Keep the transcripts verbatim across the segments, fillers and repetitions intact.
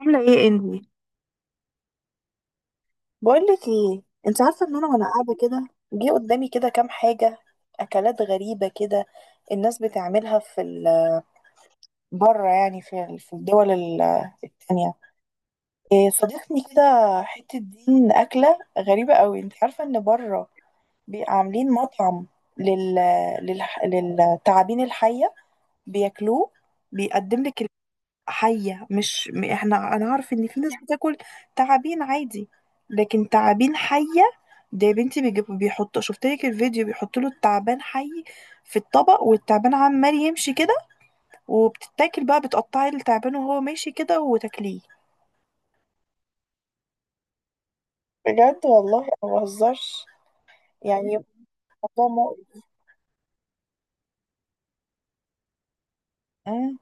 عاملة ايه انتي؟ بقولك ايه، انت عارفه ان انا وانا قاعده كده، جه قدامي كده كام حاجه. اكلات غريبه كده الناس بتعملها في ال- بره يعني في ال- في الدول ال- التانية. إيه، صادفني كده حته دين اكله غريبه قوي. انت عارفه ان بره بيبقى عاملين مطعم لل... لل... للتعابين الحيه بياكلوه بيقدم لك. حية، مش م- احنا انا عارف ان في ناس بتاكل تعابين عادي، لكن تعابين حية. ده يا بنتي بيجيبوا بيحطوا، شفت لك الفيديو، بيحطوا له التعبان حي في الطبق والتعبان عمال يمشي كده، وبتتاكل بقى، بتقطعي التعبان وهو ماشي كده وتاكليه. بجد والله انا ما بهزرش، يعني الموضوع مقرف. أمم.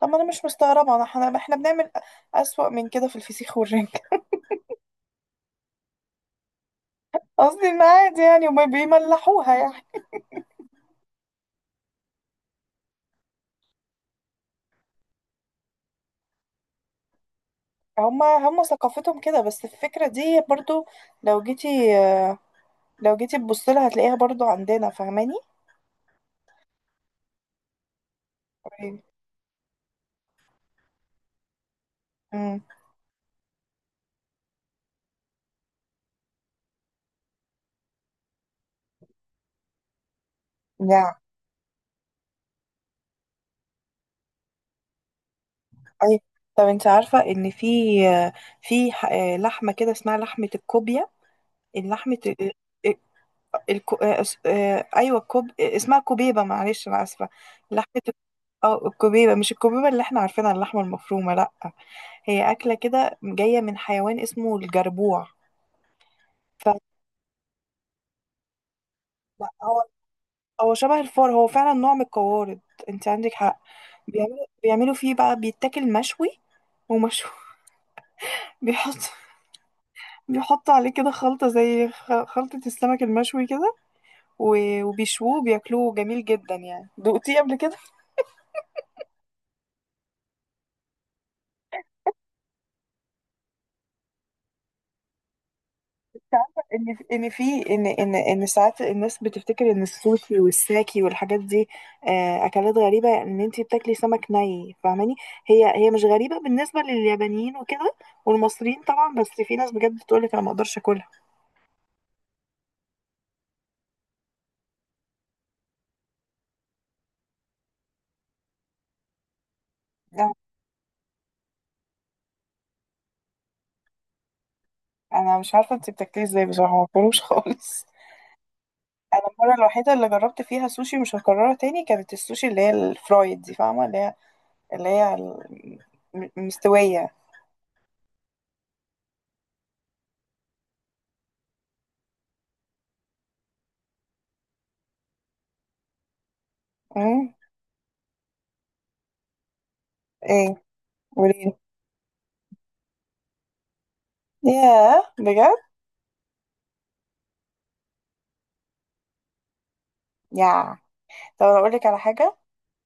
طب ما انا مش مستغربه، انا احنا احنا بنعمل اسوأ من كده في الفسيخ والرنجة. قصدي ان عادي يعني وما بيملحوها يعني. هما هما ثقافتهم كده، بس الفكرة دي برضو، لو جيتي آه، لو جيتي تبصيلها هتلاقيها برضو عندنا فاهماني. طيب. امم. نعم. اي. طب انت عارفة ان في آه، في ح- آه، لحمة كده اسمها لحمة الكوبيا. اللحمة ال- ال- الكو... آه، اس- آه، ايوه، الكوب آه، اسمها كوبيبة، معلش انا اسفة. لحمة الك- اه الكوبيبة، مش الكوبيبة اللي احنا عارفينها اللحمة المفرومة، لا. هي أكلة كده جاية من حيوان اسمه الجربوع. فلا، هو شبه الفار، هو فعلا نوع من القوارض، انت عندك حق. بيعملوا بيعملوا فيه بقى بيتاكل مشوي ومشوي. بيحط بيحط عليه كده خلطة زي خ- خلطة السمك المشوي كده، و- وبيشووه بياكلوه جميل جدا. يعني دقتيه قبل كده؟ انت عارفة ان في- ان في ان ان ان ساعات الناس بتفتكر ان السوشي والساكي والحاجات دي آه، اكلات غريبة، ان انت بتاكلي سمك ني فاهماني. هي هي مش غريبة بالنسبة لليابانيين وكده والمصريين طبعا، بس في ناس بجد بتقولك انا ما اقدرش اكلها. لا، انا مش عارفه انت بتاكليه ازاي بصراحه، ما باكلوش خالص. انا المره الوحيده اللي جربت فيها سوشي مش هكررها تاني، كانت السوشي اللي هي الفرايد دي فاهمه، اللي هي اللي هي ال- م- مستويه. امم. ايه، قولي. ياه، بجد؟ يا، طب اقول لك على حاجه،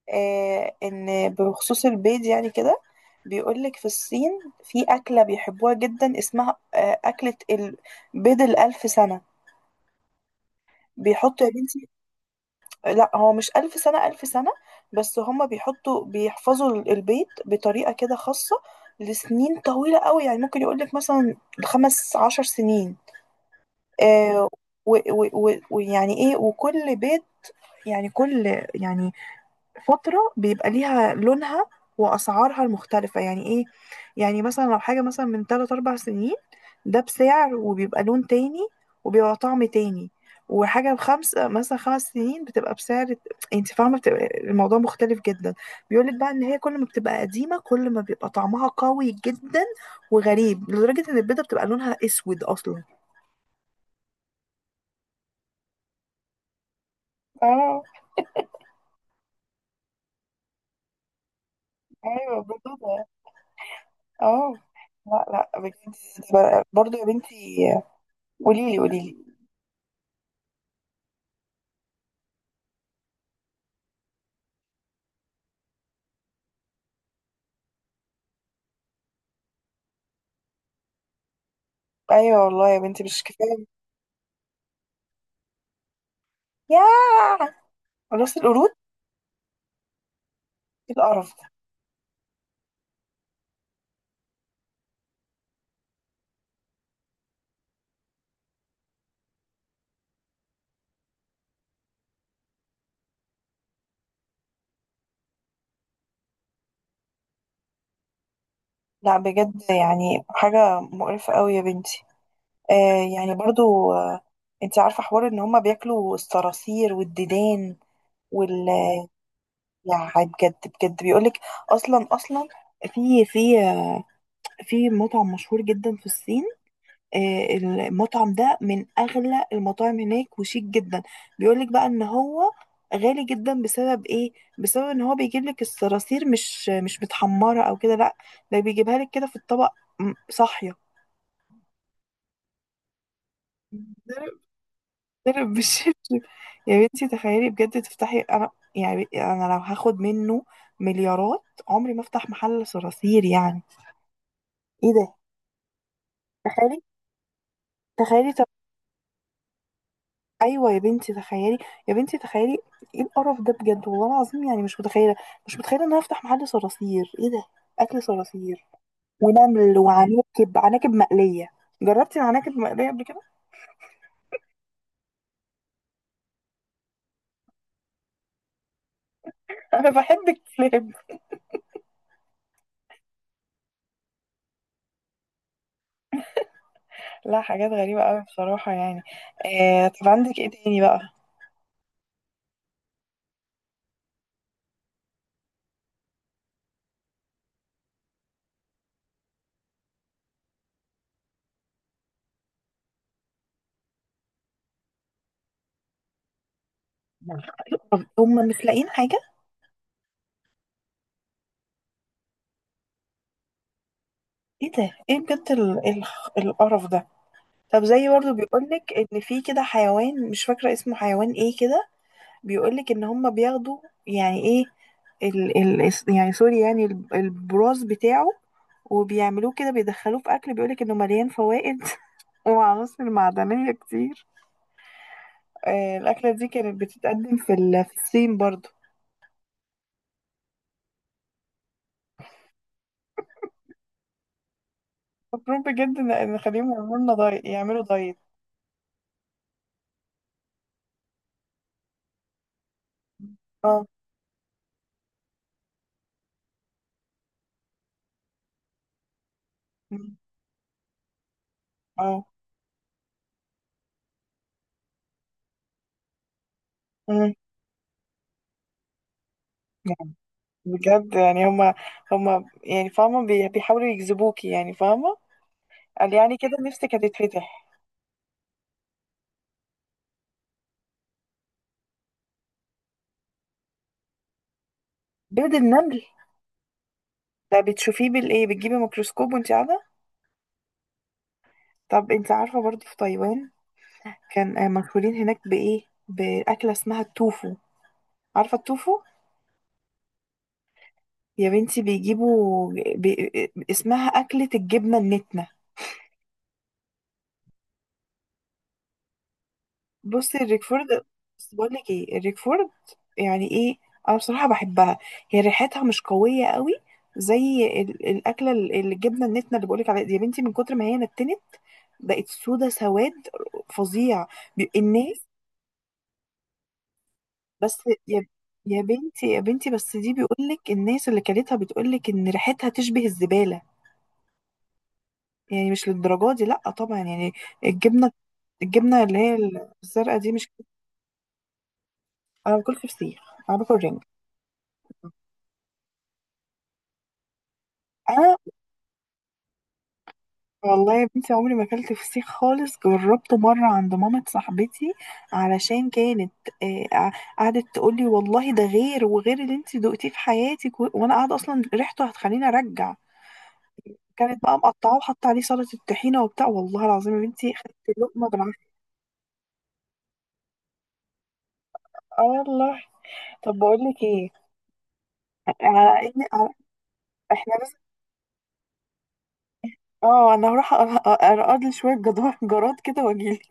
إيه ان بخصوص البيض يعني كده. بيقول لك في الصين في اكله بيحبوها جدا اسمها آه، اكله ال- بيض الالف سنه. بيحطوا يا بنتي، لا هو مش ألف سنة ألف سنة، بس هما بيحطوا بيحفظوا ال- البيت بطريقة كده خاصة لسنين طويلة قوي، يعني ممكن يقولك مثلا خمس عشر سنين. آه. و- و- و- ويعني ايه، وكل بيت، يعني كل، يعني فترة بيبقى ليها لونها وأسعارها المختلفة. يعني إيه، يعني مثلا لو حاجة مثلا من تلات أربع سنين، ده بسعر وبيبقى لون تاني وبيبقى طعم تاني، وحاجة بخمس مثلا خمس سنين بتبقى بسعر، انت فاهمة بتبقى الموضوع مختلف جدا. بيقولك بقى ان هي كل ما بتبقى قديمة كل ما بيبقى طعمها قوي جدا وغريب لدرجة ان البيضة بتبقى لونها اسود اصلا. اه، ايوه بالظبط. اه. لا. لا، بجد. برضه يا بنتي، قولي لي قولي لي. ايوه والله يا بنتي، مش كفايه. ياه، راس القرود، إيه القرف ده. لا بجد، يعني حاجه مقرفه قوي يا بنتي. آه، يعني برضو. آه انت عارفه حوار ان هما بياكلوا الصراصير والديدان وال يعني بجد. بجد بيقولك، اصلا اصلا في في آه، في مطعم مشهور جدا في الصين. آه، المطعم ده من اغلى المطاعم هناك وشيك جدا، بيقولك بقى ان هو غالي جدا بسبب ايه، بسبب ان هو بيجيب لك الصراصير مش مش متحمره او كده، لا، ده بيجيبها لك كده في الطبق م- صاحيه. ضرب، ضرب بالشبشب. يا بنتي تخيلي بجد تفتحي، انا يعني انا لو هاخد منه مليارات عمري ما افتح محل صراصير، يعني ايه ده، تخيلي، تخيلي. ايوه يا بنتي تخيلي، يا بنتي تخيلي، ايه القرف ده بجد والله العظيم. يعني مش متخيله مش متخيله ان انا افتح محل صراصير، ايه ده، اكل صراصير ونمل وعناكب، عناكب مقليه. جربتي العناكب المقليه قبل كده؟ انا بحب الكلاب. لا حاجات غريبه قوي بصراحه يعني. آه طب عندك ايه تاني بقى؟ طب هم مش لاقيين حاجه؟ ايه ده، ايه بجد ال- ال- القرف ده. طب زي برضه بيقولك ان في كده حيوان مش فاكره اسمه، حيوان ايه كده، بيقولك ان هم بياخدوا يعني ايه، ال ال الس- يعني سوري، يعني ال- البراز بتاعه، وبيعملوه كده بيدخلوه في اكل بيقولك انه مليان فوائد وعناصر معدنية كتير. آه الأكلة دي كانت بتتقدم في ال- في الصين برضو. مفروض بجد إن إن نخليهم يعملوا لنا دايت، يعملوا دايت. اه. مم. اه. مم. يعني بجد، يعني هما، هما يعني فاهمة، بي- بيحاولوا يجذبوكي يعني فاهمة. قال يعني كده نفسك هتتفتح. بيض النمل، ده بتشوفيه بالايه، بتجيبي ميكروسكوب وانت قاعده؟ طب انت عارفه برضو في تايوان كان آه، مشهورين هناك بايه، باكله اسمها التوفو. عارفه التوفو؟ يا بنتي بيجيبوا بي... اسمها اكله الجبنه النتنه. بصي الريكفورد، بس بقول لك ايه الريكفورد، يعني ايه، انا بصراحه بحبها، هي ريحتها مش قويه قوي زي ال... الاكله ال- الجبنه النتنه اللي بقولك عليها دي. يا بنتي من كتر ما هي نتنت بقت سودة سواد فظيع. بي- الناس، بس يا يا بنتي يا بنتي بس دي بيقولك الناس اللي كلتها بتقولك ان ريحتها تشبه الزبالة، يعني مش للدرجة دي لا طبعا يعني. الجبنة الجبنة اللي هي الزرقاء دي مش، انا باكل فسيخ، انا باكل رنج. انا والله يا بنتي عمري ما اكلت فسيخ خالص، جربته مرة عند مامة صاحبتي علشان كانت آه، قع- قعدت تقولي والله ده غير وغير اللي انت دقتيه في حياتك، و- وانا قاعدة اصلا ريحته هتخليني ارجع. كانت بقى مقطعاه وحاطه عليه سلطه الطحينه وبتاع، والله العظيم يا بنتي خدت لقمه بالعافيه. اه والله. طب بقول لك ايه على ان على- احنا بس. اه انا هروح أ- أ- ارقد لي شويه جدار جراد كده واجيلك.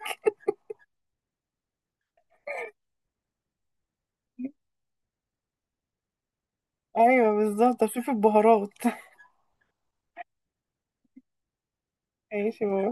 ايوه بالظبط، اشوف البهارات. ماشي، باي.